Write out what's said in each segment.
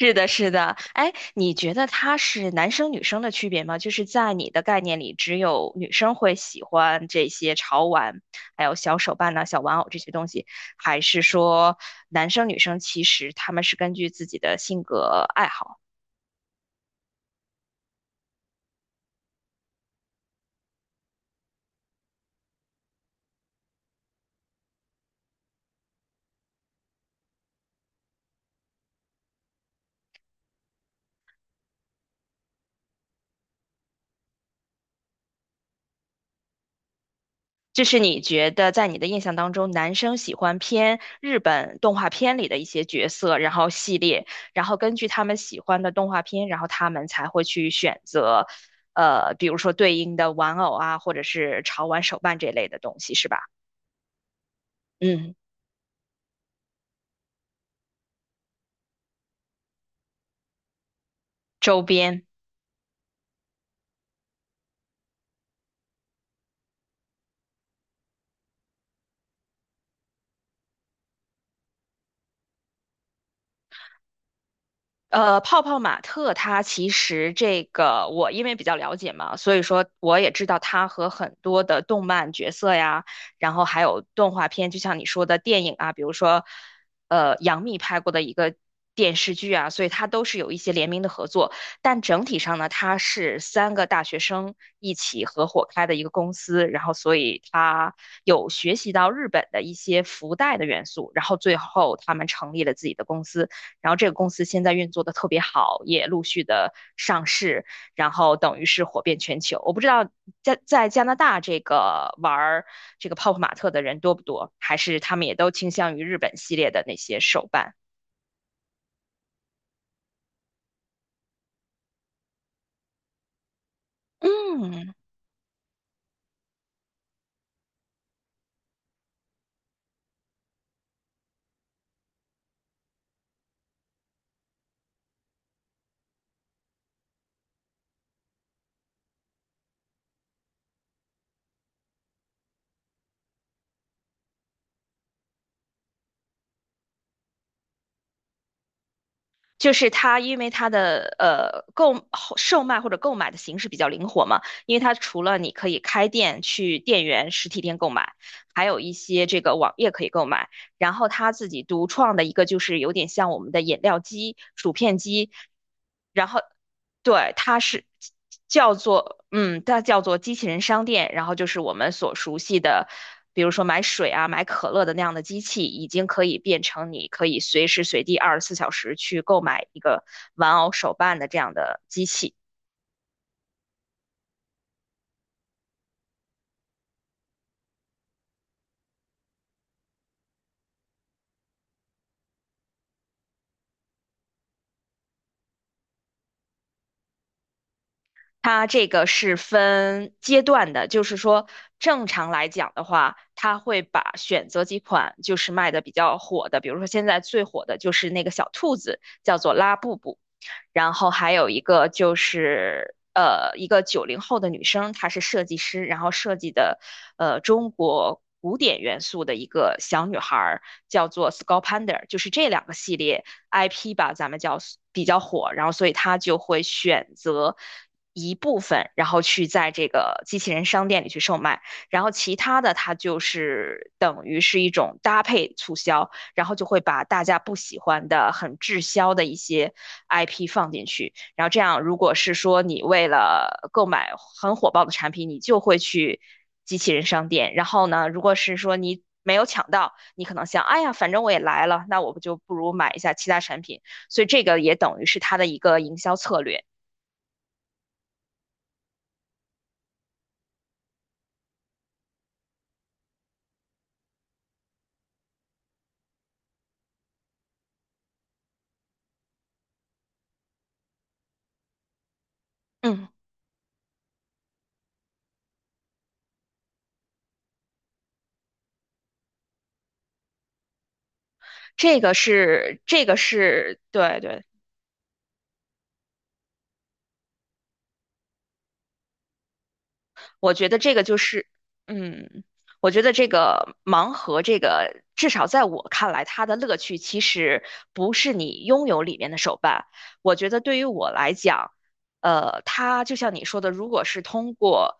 是的，是的，哎，你觉得它是男生女生的区别吗？就是在你的概念里，只有女生会喜欢这些潮玩，还有小手办呐、小玩偶这些东西，还是说男生女生其实他们是根据自己的性格爱好？就是你觉得在你的印象当中，男生喜欢偏日本动画片里的一些角色，然后系列，然后根据他们喜欢的动画片，然后他们才会去选择，比如说对应的玩偶啊，或者是潮玩手办这类的东西，是吧？嗯，周边。泡泡玛特它其实这个我因为比较了解嘛，所以说我也知道它和很多的动漫角色呀，然后还有动画片，就像你说的电影啊，比如说杨幂拍过的一个电视剧啊，所以它都是有一些联名的合作。但整体上呢，它是三个大学生一起合伙开的一个公司，然后所以它有学习到日本的一些福袋的元素，然后最后他们成立了自己的公司。然后这个公司现在运作的特别好，也陆续的上市，然后等于是火遍全球。我不知道在加拿大这个玩这个泡泡玛特的人多不多，还是他们也都倾向于日本系列的那些手办。嗯，就是它，因为它的售卖或者购买的形式比较灵活嘛，因为它除了你可以开店去店员实体店购买，还有一些这个网页可以购买。然后他自己独创的一个就是有点像我们的饮料机、薯片机，然后对，它叫做机器人商店，然后就是我们所熟悉的，比如说买水啊、买可乐的那样的机器，已经可以变成你可以随时随地24小时去购买一个玩偶手办的这样的机器。它这个是分阶段的，就是说正常来讲的话，它会把选择几款就是卖的比较火的，比如说现在最火的就是那个小兔子，叫做拉布布。然后还有一个就是一个90后的女生，她是设计师，然后设计的中国古典元素的一个小女孩儿，叫做 Sculpander，就是这两个系列 IP 吧，咱们叫比较火，然后所以她就会选择。一部分，然后去在这个机器人商店里去售卖，然后其他的它就是等于是一种搭配促销，然后就会把大家不喜欢的、很滞销的一些 IP 放进去。然后这样，如果是说你为了购买很火爆的产品，你就会去机器人商店。然后呢，如果是说你没有抢到，你可能想，哎呀，反正我也来了，那我不就不如买一下其他产品。所以这个也等于是它的一个营销策略。嗯，这个是对对，我觉得这个就是，嗯，我觉得这个盲盒，这个至少在我看来，它的乐趣其实不是你拥有里面的手办。我觉得对于我来讲，它就像你说的，如果是通过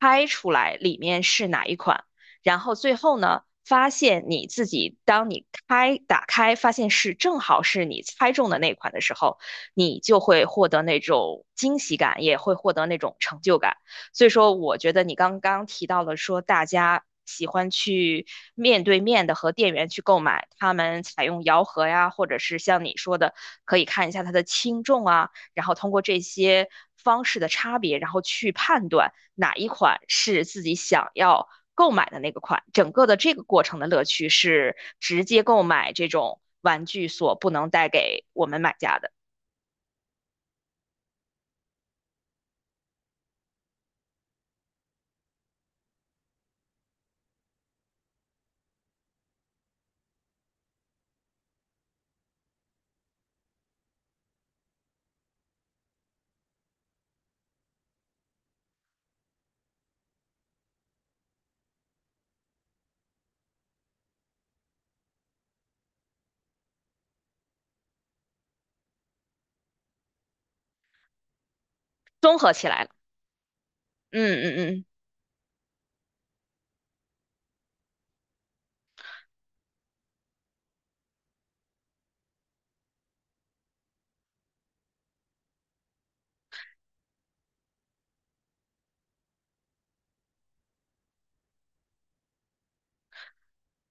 猜出来里面是哪一款，然后最后呢，发现你自己当你开打开，发现是正好是你猜中的那款的时候，你就会获得那种惊喜感，也会获得那种成就感。所以说，我觉得你刚刚提到了说大家喜欢去面对面的和店员去购买，他们采用摇盒呀，或者是像你说的，可以看一下它的轻重啊，然后通过这些方式的差别，然后去判断哪一款是自己想要购买的那个款。整个的这个过程的乐趣是直接购买这种玩具所不能带给我们买家的。综合起来了，嗯嗯嗯。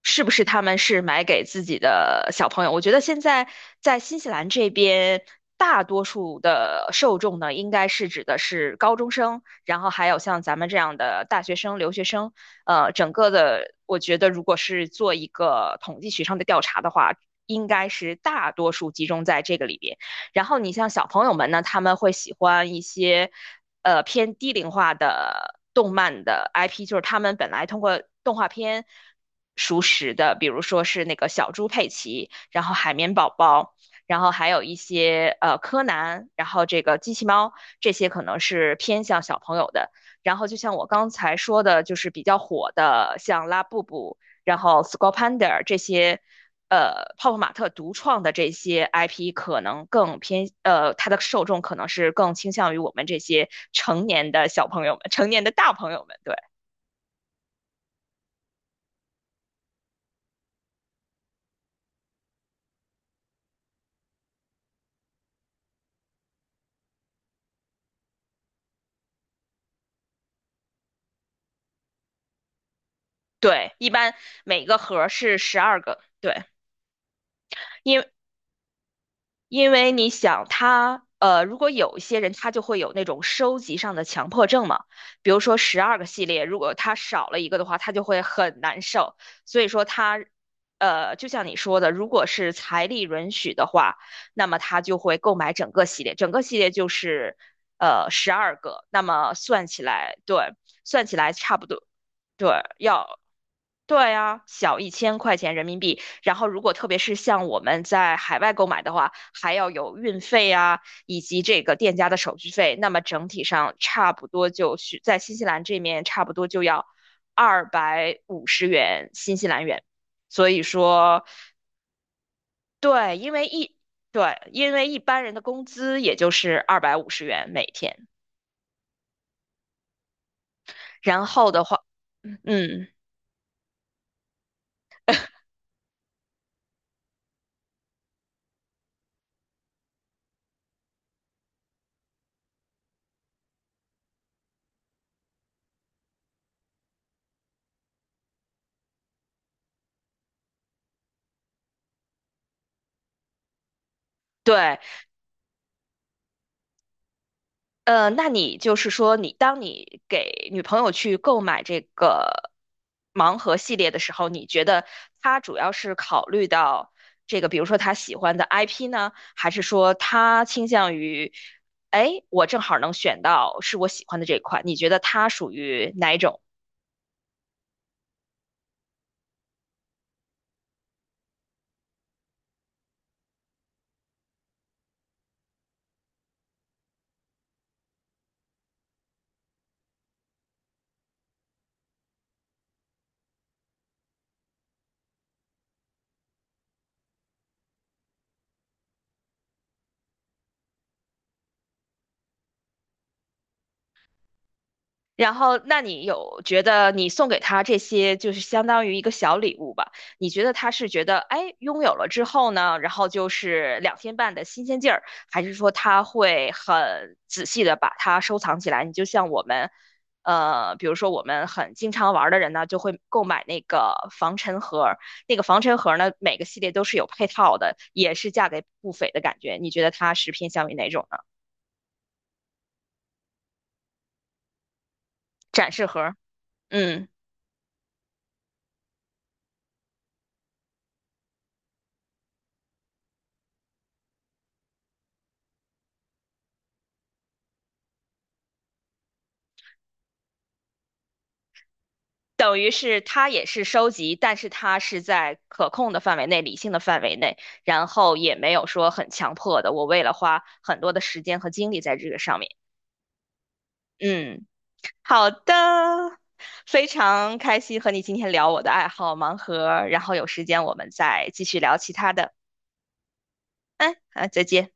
是不是他们是买给自己的小朋友？我觉得现在在新西兰这边，大多数的受众呢，应该是指的是高中生，然后还有像咱们这样的大学生、留学生。整个的，我觉得如果是做一个统计学上的调查的话，应该是大多数集中在这个里边。然后你像小朋友们呢，他们会喜欢一些偏低龄化的动漫的 IP，就是他们本来通过动画片熟识的，比如说是那个小猪佩奇，然后海绵宝宝。然后还有一些柯南，然后这个机器猫，这些可能是偏向小朋友的。然后就像我刚才说的，就是比较火的，像拉布布，然后 s c u l l Panda 这些泡泡玛特独创的这些 IP 可能更偏，它的受众可能是更倾向于我们这些成年的小朋友们、成年的大朋友们。对对，一般每个盒儿是十二个。对，因为。因为你想他，如果有一些人他就会有那种收集上的强迫症嘛，比如说12个系列，如果他少了一个的话，他就会很难受。所以说他，就像你说的，如果是财力允许的话，那么他就会购买整个系列，整个系列就是十二个，那么算起来，对，算起来差不多，对，要。对啊，小1000块钱人民币，然后，如果特别是像我们在海外购买的话，还要有运费啊，以及这个店家的手续费。那么整体上差不多就是在新西兰这面差不多就要250元新西兰元。所以说，对，因为一般人的工资也就是250元每天。然后的话，嗯，对，那你就是说，你当你给女朋友去购买这个盲盒系列的时候，你觉得她主要是考虑到这个，比如说她喜欢的 IP 呢，还是说她倾向于，哎，我正好能选到是我喜欢的这一款？你觉得她属于哪一种？然后，那你有觉得你送给他这些，就是相当于一个小礼物吧？你觉得他是觉得，哎，拥有了之后呢，然后就是2天半的新鲜劲儿，还是说他会很仔细的把它收藏起来？你就像我们，比如说我们很经常玩儿的人呢，就会购买那个防尘盒儿，那个防尘盒儿呢，每个系列都是有配套的，也是价格不菲的感觉。你觉得它是偏向于哪种呢？展示盒儿，嗯。等于是它也是收集，但是它是在可控的范围内、理性的范围内，然后也没有说很强迫的。我为了花很多的时间和精力在这个上面，嗯，好的，非常开心和你今天聊我的爱好盲盒，然后有时间我们再继续聊其他的。嗯，好，再见。